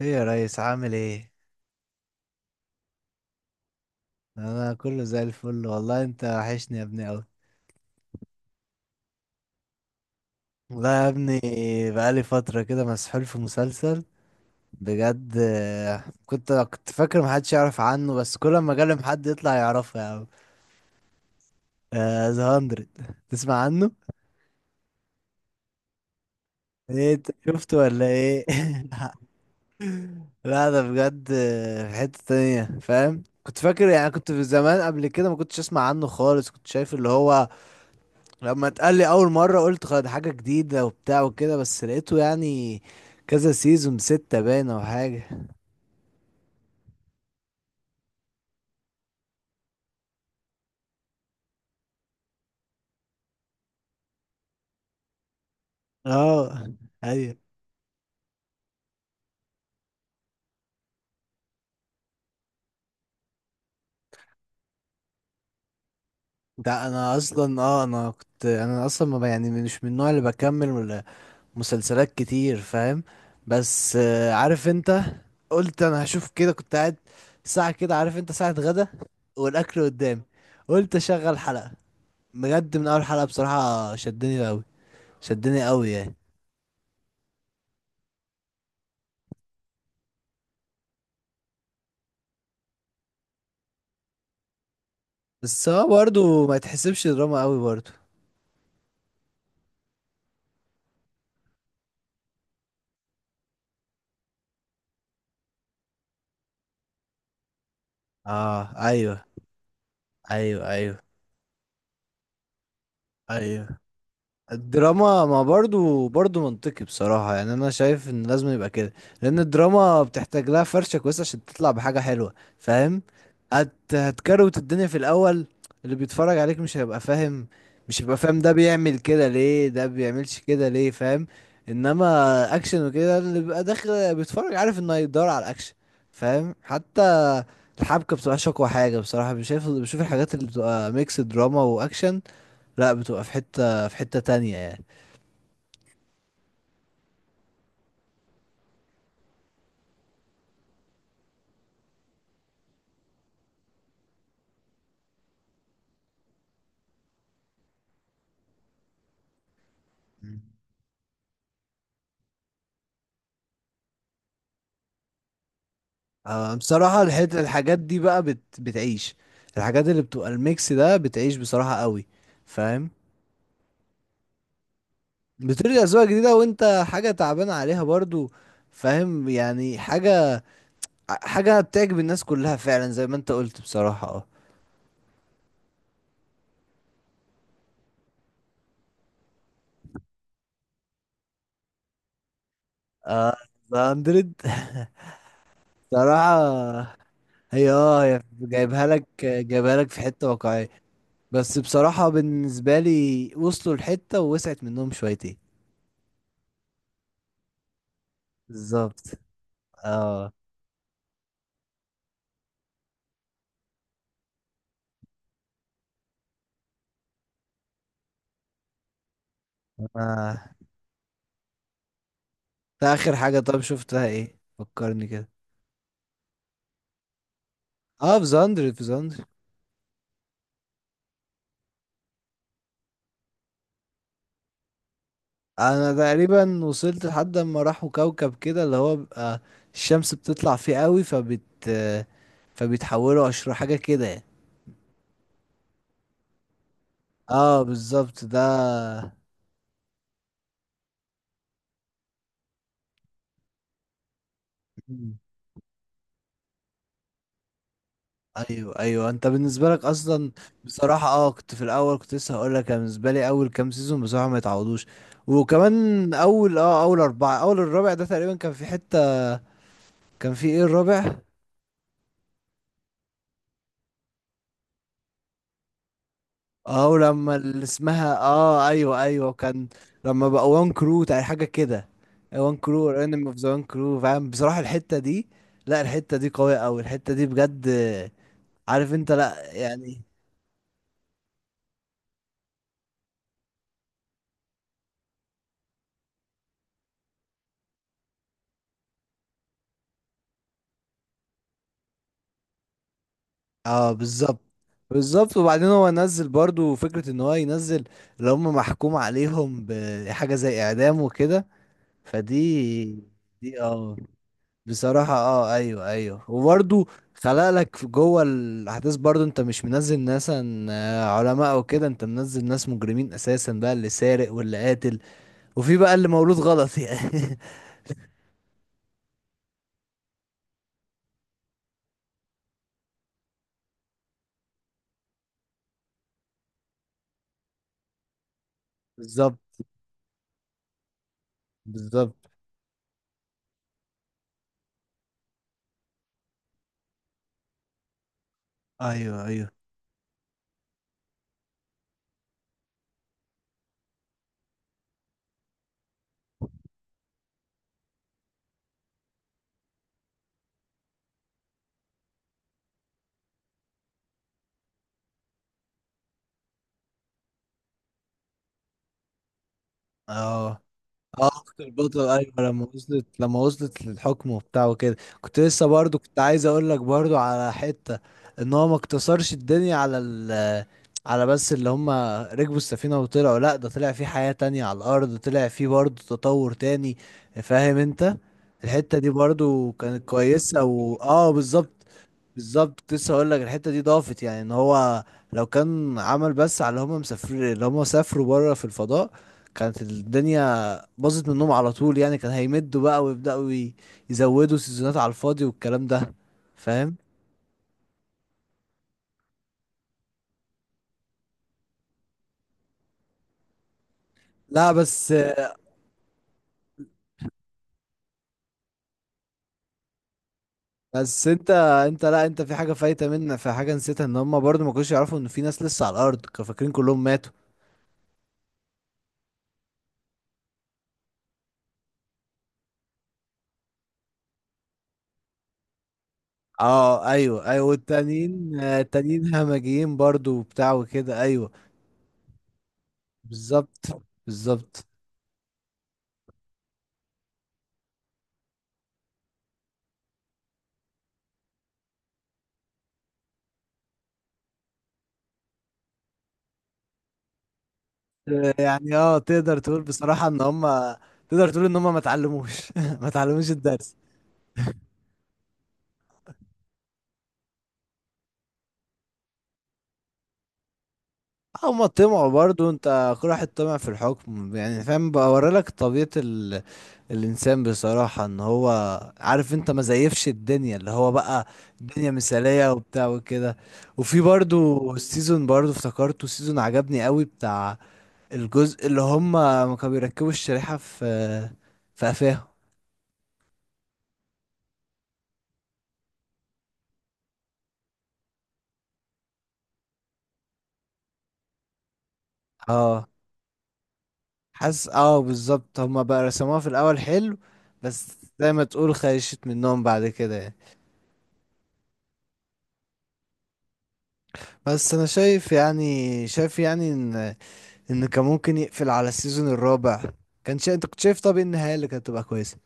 ايه يا ريس عامل ايه. انا كله زي الفل والله، انت وحشني يا ابني اوي. والله يا ابني، بقالي فترة كده مسحول في مسلسل بجد. كنت فاكر محدش يعرف عنه، بس كل ما اكلم حد يطلع يعرفه يا عم. ذا هاندرد، تسمع عنه؟ ايه انت شفته ولا ايه؟ لا ده بجد، في حتة تانية فاهم. كنت فاكر يعني، كنت في زمان قبل كده ما كنتش اسمع عنه خالص، كنت شايف اللي هو، لما اتقال لي اول مره قلت خد حاجه جديده وبتاع وكده، بس لقيته يعني كذا سيزون، ستة باينه وحاجه. اه ايوه. ده انا اصلا اه، انا كنت، انا اصلا ما ب- يعني مش من النوع اللي بكمل ولا مسلسلات كتير فاهم. بس عارف انت، قلت انا هشوف كده. كنت قاعد ساعه كده، عارف انت، ساعه غدا والاكل قدامي، قلت اشغل حلقه. بجد من اول حلقه بصراحه شدني قوي، شدني قوي يعني. بس هو برضه ما يتحسبش دراما قوي برضه. اه ايوه ايوه. ايوه ايوه. الدراما ما برضو، برضو منطقي بصراحة، يعني أنا شايف إن لازم يبقى كده، لأن الدراما بتحتاج لها فرشة كويسة عشان تطلع بحاجة حلوة فاهم. هت، هتكروت الدنيا في الأول. اللي بيتفرج عليك مش هيبقى فاهم، مش هيبقى فاهم ده بيعمل كده ليه، ده بيعملش كده ليه، فاهم؟ إنما أكشن وكده، اللي بيبقى داخل بيتفرج عارف إنه هيدور على الأكشن، فاهم؟ حتى الحبكة بتبقى أقوى حاجة بصراحة. بشوف الحاجات اللي بتبقى ميكس دراما وأكشن، لا بتبقى في حتة تانية يعني. مم. بصراحة الحت...، الحاجات دي بقى بت...، بتعيش. الحاجات اللي بتبقى الميكس ده بتعيش بصراحة قوي، فاهم؟ بترجع أذواق جديدة وانت حاجة تعبان عليها برضو، فاهم يعني. حاجة بتعجب الناس كلها فعلا زي ما انت قلت بصراحة، اه. آه، ذا 100. بصراحة هي اه، هي جايبها لك، في حتة واقعية. بس بصراحة بالنسبة لي وصلوا لحتة ووسعت منهم شويتين. بالظبط اه. آه. ده اخر حاجة طب شفتها ايه، فكرني كده. اه في زندر، في زندر. انا تقريبا وصلت لحد ما راحوا كوكب كده اللي هو بيبقى الشمس بتطلع فيه قوي، فبت، فبيتحولوا اشرار حاجة كده يعني. اه بالظبط ده. مم. ايوه ايوه، انت بالنسبة لك اصلا، بصراحة اه كنت في الاول، كنت لسه هقول لك، أنا بالنسبة لي اول كام سيزون بصراحة ما يتعوضوش. وكمان اول اه، اول اربعة، اول الرابع ده تقريبا كان في حتة. كان في ايه الرابع؟ اه ولما اللي اسمها اه، ايوه ايوه كان لما بقى وان كرو تاع حاجه كده، وان كرو انمي اوف ذا وان كرو فاهم. بصراحه الحته دي، لا الحته دي قويه قوي، الحته دي بجد، عارف انت، لا يعني. اه بالظبط، بالظبط. وبعدين هو نزل برضو فكره ان هو ينزل، اللي هم محكوم عليهم بحاجه زي اعدام وكده، فدي، دي اه، بصراحة اه ايوه ايوه. وبرضه خلق لك في جوه الاحداث، برضه انت مش منزل ناس علماء او كده، انت منزل ناس مجرمين اساسا بقى، اللي سارق واللي قاتل، وفي بقى اللي مولود غلط يعني. بالظبط، بالظبط. ايوه ايوه. اه اه اخت البطل ايوه، لما وصلت، للحكم وبتاع وكده. كنت لسه برضو كنت عايز اقول لك برضو على حتة، ان هو ما اقتصرش الدنيا على ال، على بس اللي هم ركبوا السفينة وطلعوا، لا ده طلع في حياة تانية على الارض، طلع في برضو تطور تاني، فاهم انت؟ الحتة دي برضو كانت كويسة، و اه بالظبط. بالظبط، كنت لسه هقول لك الحته دي ضافت يعني، ان هو لو كان عمل بس على اللي هم مسافر، اللي هم سافروا بره في الفضاء، كانت الدنيا باظت منهم على طول يعني، كان هيمدوا بقى ويبداوا يزودوا سيزونات على الفاضي والكلام ده، فاهم؟ لا بس، بس انت لا انت، في حاجه فايته منك، في حاجه نسيتها، ان هم برضو ما كانوش يعرفوا ان في ناس لسه على الارض، كانوا فاكرين كلهم ماتوا. اه ايوه ايوه، والتانيين التانيين همجيين برضو وبتاع وكده، ايوه. بالظبط بالظبط. يعني اه، تقدر تقول بصراحة ان هم، ما اتعلموش. ما اتعلموش الدرس. هم طمعوا برضو، انت كل واحد طمع في الحكم يعني، فاهم؟ بوريلك طبيعة ال...، الانسان بصراحة، ان هو عارف انت ما زيفش الدنيا اللي هو بقى، الدنيا مثالية وبتاع وكده. وفي برضو السيزون، برضو افتكرته سيزون عجبني قوي بتاع، الجزء اللي هم ما كانوا بيركبوا الشريحة في، في قفاهم. اه حاسس اه، بالظبط، هما بقى رسموها في الاول حلو، بس زي ما تقول خيشت منهم بعد كده يعني. بس انا شايف يعني، ان، كان ممكن يقفل على السيزون الرابع. كان شا...، انت كنت شايف طب إيه النهايه اللي كانت تبقى كويسه؟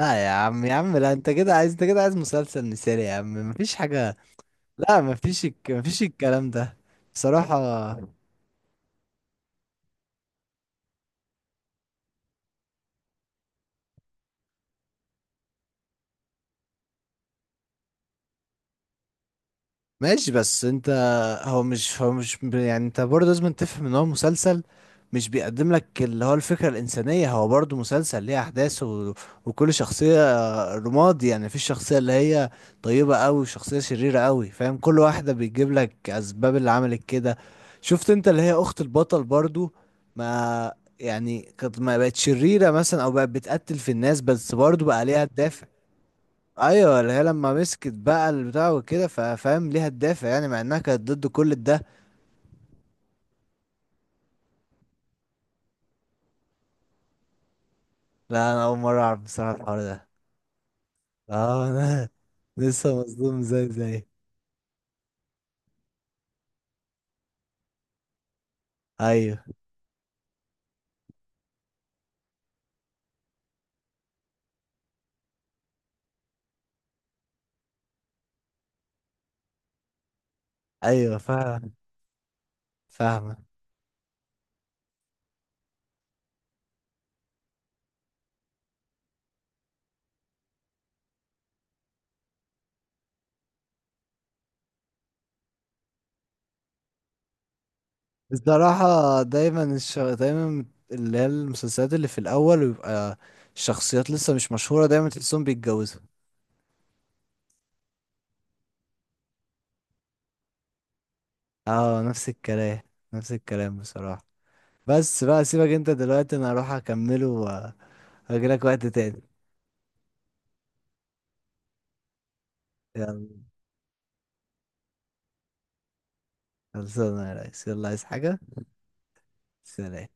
لا يا عم، يا عم لا، انت كده عايز، مسلسل مثالي يا عم، مفيش حاجه. لا مفيش الك...، مفيش الكلام ده بصراحه. ماشي بس انت، هو مش، يعني انت برضه لازم تفهم ان هو مسلسل مش بيقدم لك اللي هو الفكرة الإنسانية، هو برضه مسلسل ليه أحداث و...، وكل شخصية رماد يعني، مفيش شخصية اللي هي طيبة أوي وشخصية شريرة أوي، فاهم؟ كل واحدة بيجيب لك أسباب اللي عملت كده. شفت انت اللي هي أخت البطل برضه ما، يعني كانت، ما بقت شريرة مثلا أو بقت بتقتل في الناس، بس برضه بقى ليها الدافع. ايوه اللي هي لما مسكت بقى البتاع وكده، فاهم ليها الدافع يعني، مع انها كانت ضد كل ده. لا انا اول مره اعرف بصراحه الحوار ده. اه انا لسه مصدوم زي، زي. ايوه ايوه فاهم، فاهمه. بصراحه دايما الش...، دايما اللي هي المسلسلات اللي في الاول بيبقى الشخصيات لسه مش مشهوره، دايما تحسهم بيتجوزوا. اه نفس الكلام، نفس الكلام بصراحه. بس بقى سيبك انت دلوقتي، انا هروح اكمله واجيلك وقت تاني. يلا خلصانة يا ريس، يلا عايز حاجة؟ سلام.